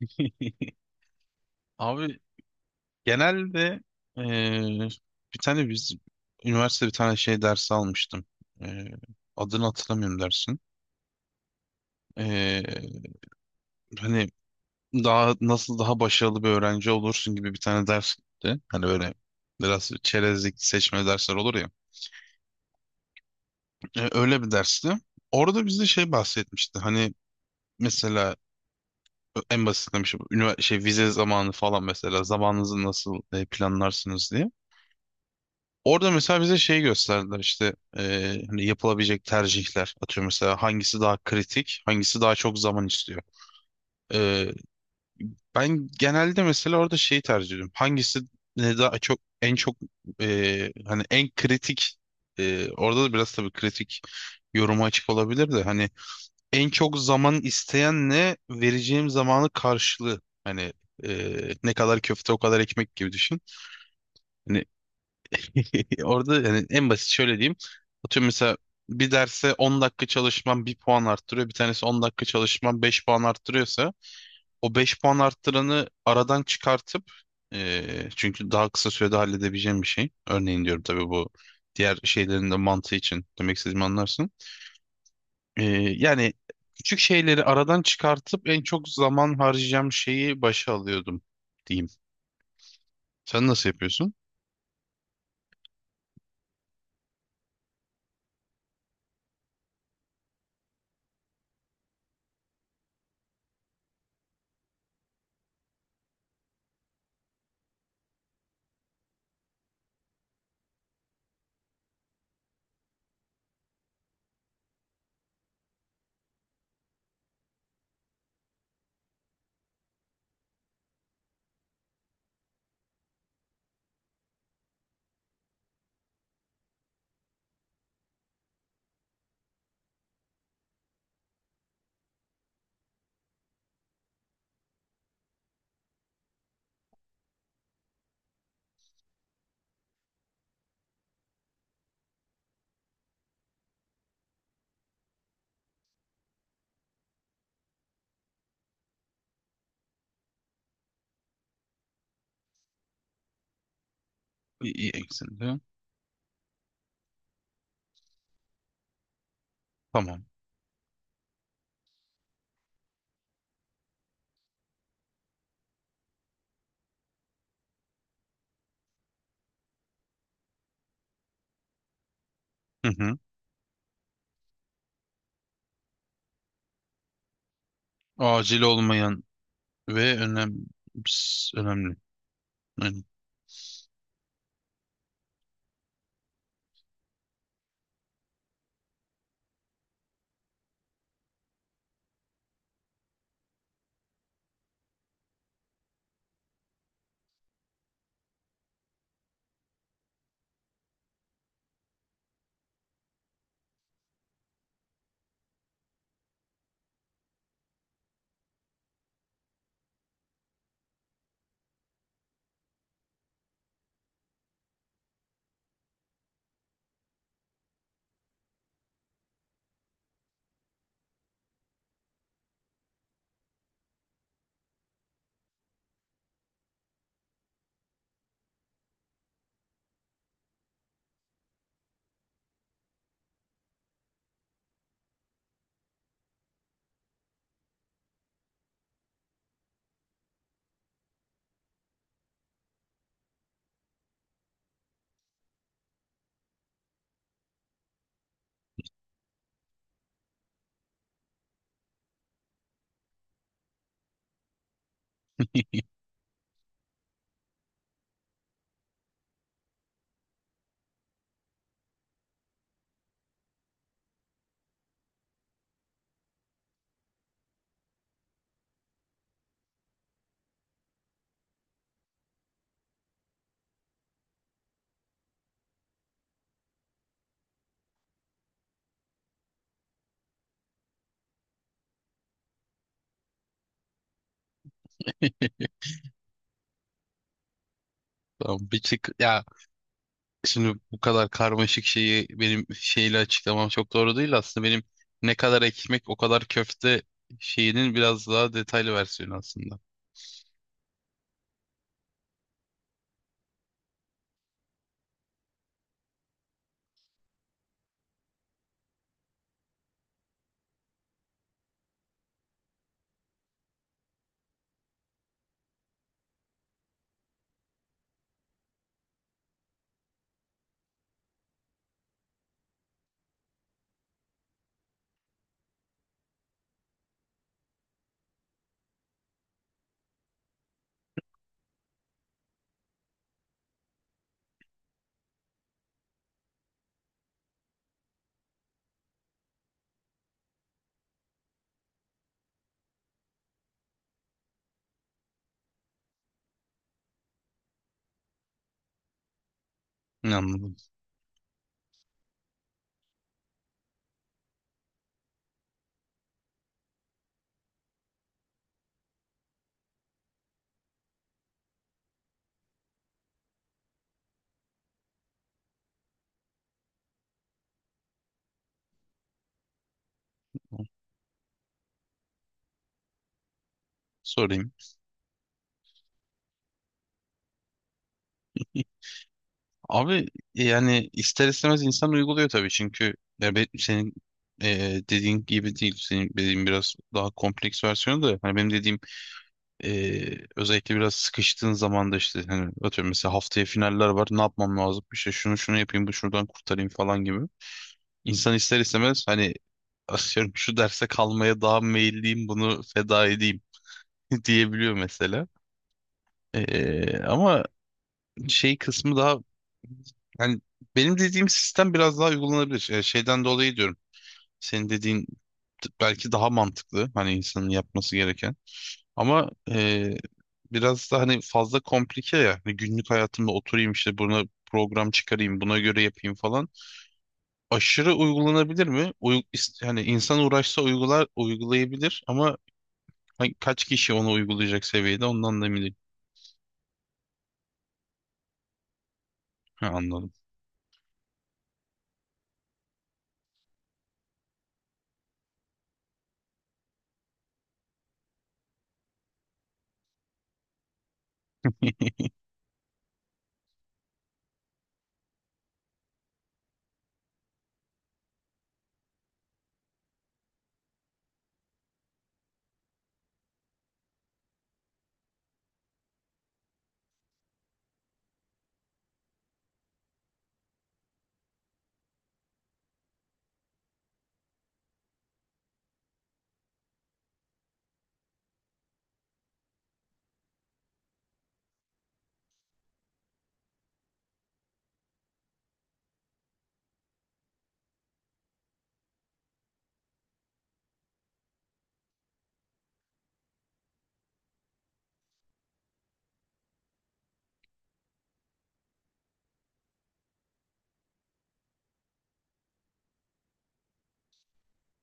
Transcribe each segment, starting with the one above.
Abi genelde eee, bir tane biz üniversitede bir tane şey dersi almıştım. Eee, adını hatırlamıyorum dersin. Eee, hani daha nasıl daha başarılı bir öğrenci olursun gibi bir tane dersti. Hani öyle biraz çerezlik seçme dersler olur ya. Öyle bir dersti. Orada bize şey bahsetmişti. Hani mesela en basitlemiş şey üniversite şey vize zamanı falan mesela zamanınızı nasıl planlarsınız diye. Orada mesela bize şey gösterdiler işte hani yapılabilecek tercihler atıyor mesela hangisi daha kritik hangisi daha çok zaman istiyor. E, ben genelde mesela orada şeyi tercih ediyorum hangisi ne daha çok en çok hani en kritik orada da biraz tabii kritik yoruma açık olabilir de hani en çok zaman isteyenle vereceğim zamanı karşılığı hani ne kadar köfte o kadar ekmek gibi düşün. Hani. Orada yani en basit şöyle diyeyim. Atıyorum mesela bir derse 10 dakika çalışmam bir puan arttırıyor. Bir tanesi 10 dakika çalışmam 5 puan arttırıyorsa o 5 puan arttıranı aradan çıkartıp çünkü daha kısa sürede halledebileceğim bir şey. Örneğin diyorum tabii bu diğer şeylerin de mantığı için demek istediğimi anlarsın. Yani küçük şeyleri aradan çıkartıp en çok zaman harcayacağım şeyi başa alıyordum diyeyim. Sen nasıl yapıyorsun? İyi, iyi eksende. Tamam. Hı hı. Acil olmayan ve önem Ps, önemli. Aynen. Tamam bir tık ya, şimdi bu kadar karmaşık şeyi benim şeyle açıklamam çok doğru değil, aslında benim ne kadar ekmek o kadar köfte şeyinin biraz daha detaylı versiyonu aslında. Ne anladım. Sorayım. Abi yani ister istemez insan uyguluyor tabii, çünkü ya senin e, dediğin gibi değil. Senin dediğin biraz daha kompleks versiyonu da hani benim dediğim özellikle biraz sıkıştığın zaman da işte hani atıyorum mesela haftaya finaller var, ne yapmam lazım, işte şunu şunu yapayım, bu şuradan kurtarayım falan gibi. İnsan ister istemez hani atıyorum şu derse kalmaya daha meyilliyim, bunu feda edeyim diyebiliyor mesela. Ama şey kısmı daha, yani benim dediğim sistem biraz daha uygulanabilir. Şeyden dolayı diyorum. Senin dediğin, belki daha mantıklı hani insanın yapması gereken. Ama biraz da hani fazla komplike ya. Hani günlük hayatımda oturayım işte buna program çıkarayım, buna göre yapayım falan. Aşırı uygulanabilir mi? Hani insan uğraşsa uygular, uygulayabilir, ama hani kaç kişi onu uygulayacak seviyede ondan da emin değilim. Ha, anladım.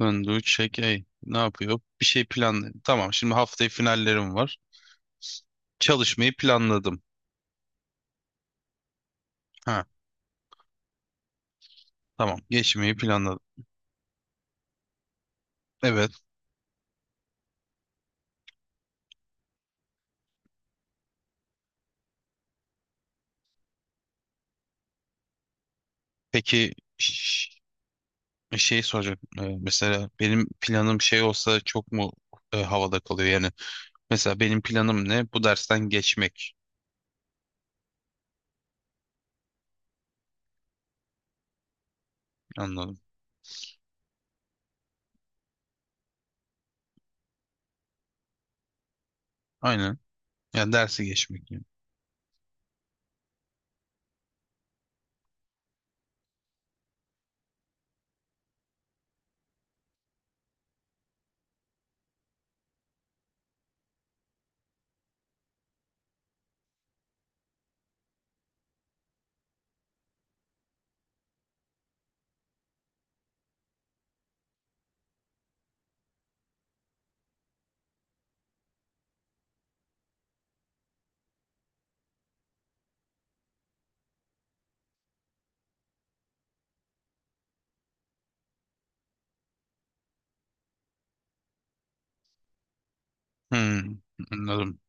Undo, check, ey. Ne yapıyor? Bir şey planlı. Tamam, şimdi haftaya finallerim var. Çalışmayı planladım. Ha, tamam, geçmeyi planladım. Evet, peki şey soracak. Mesela benim planım şey olsa çok mu havada kalıyor yani? Mesela benim planım ne? Bu dersten geçmek. Anladım. Aynen. Yani dersi geçmek, yani. Hmm, anladım.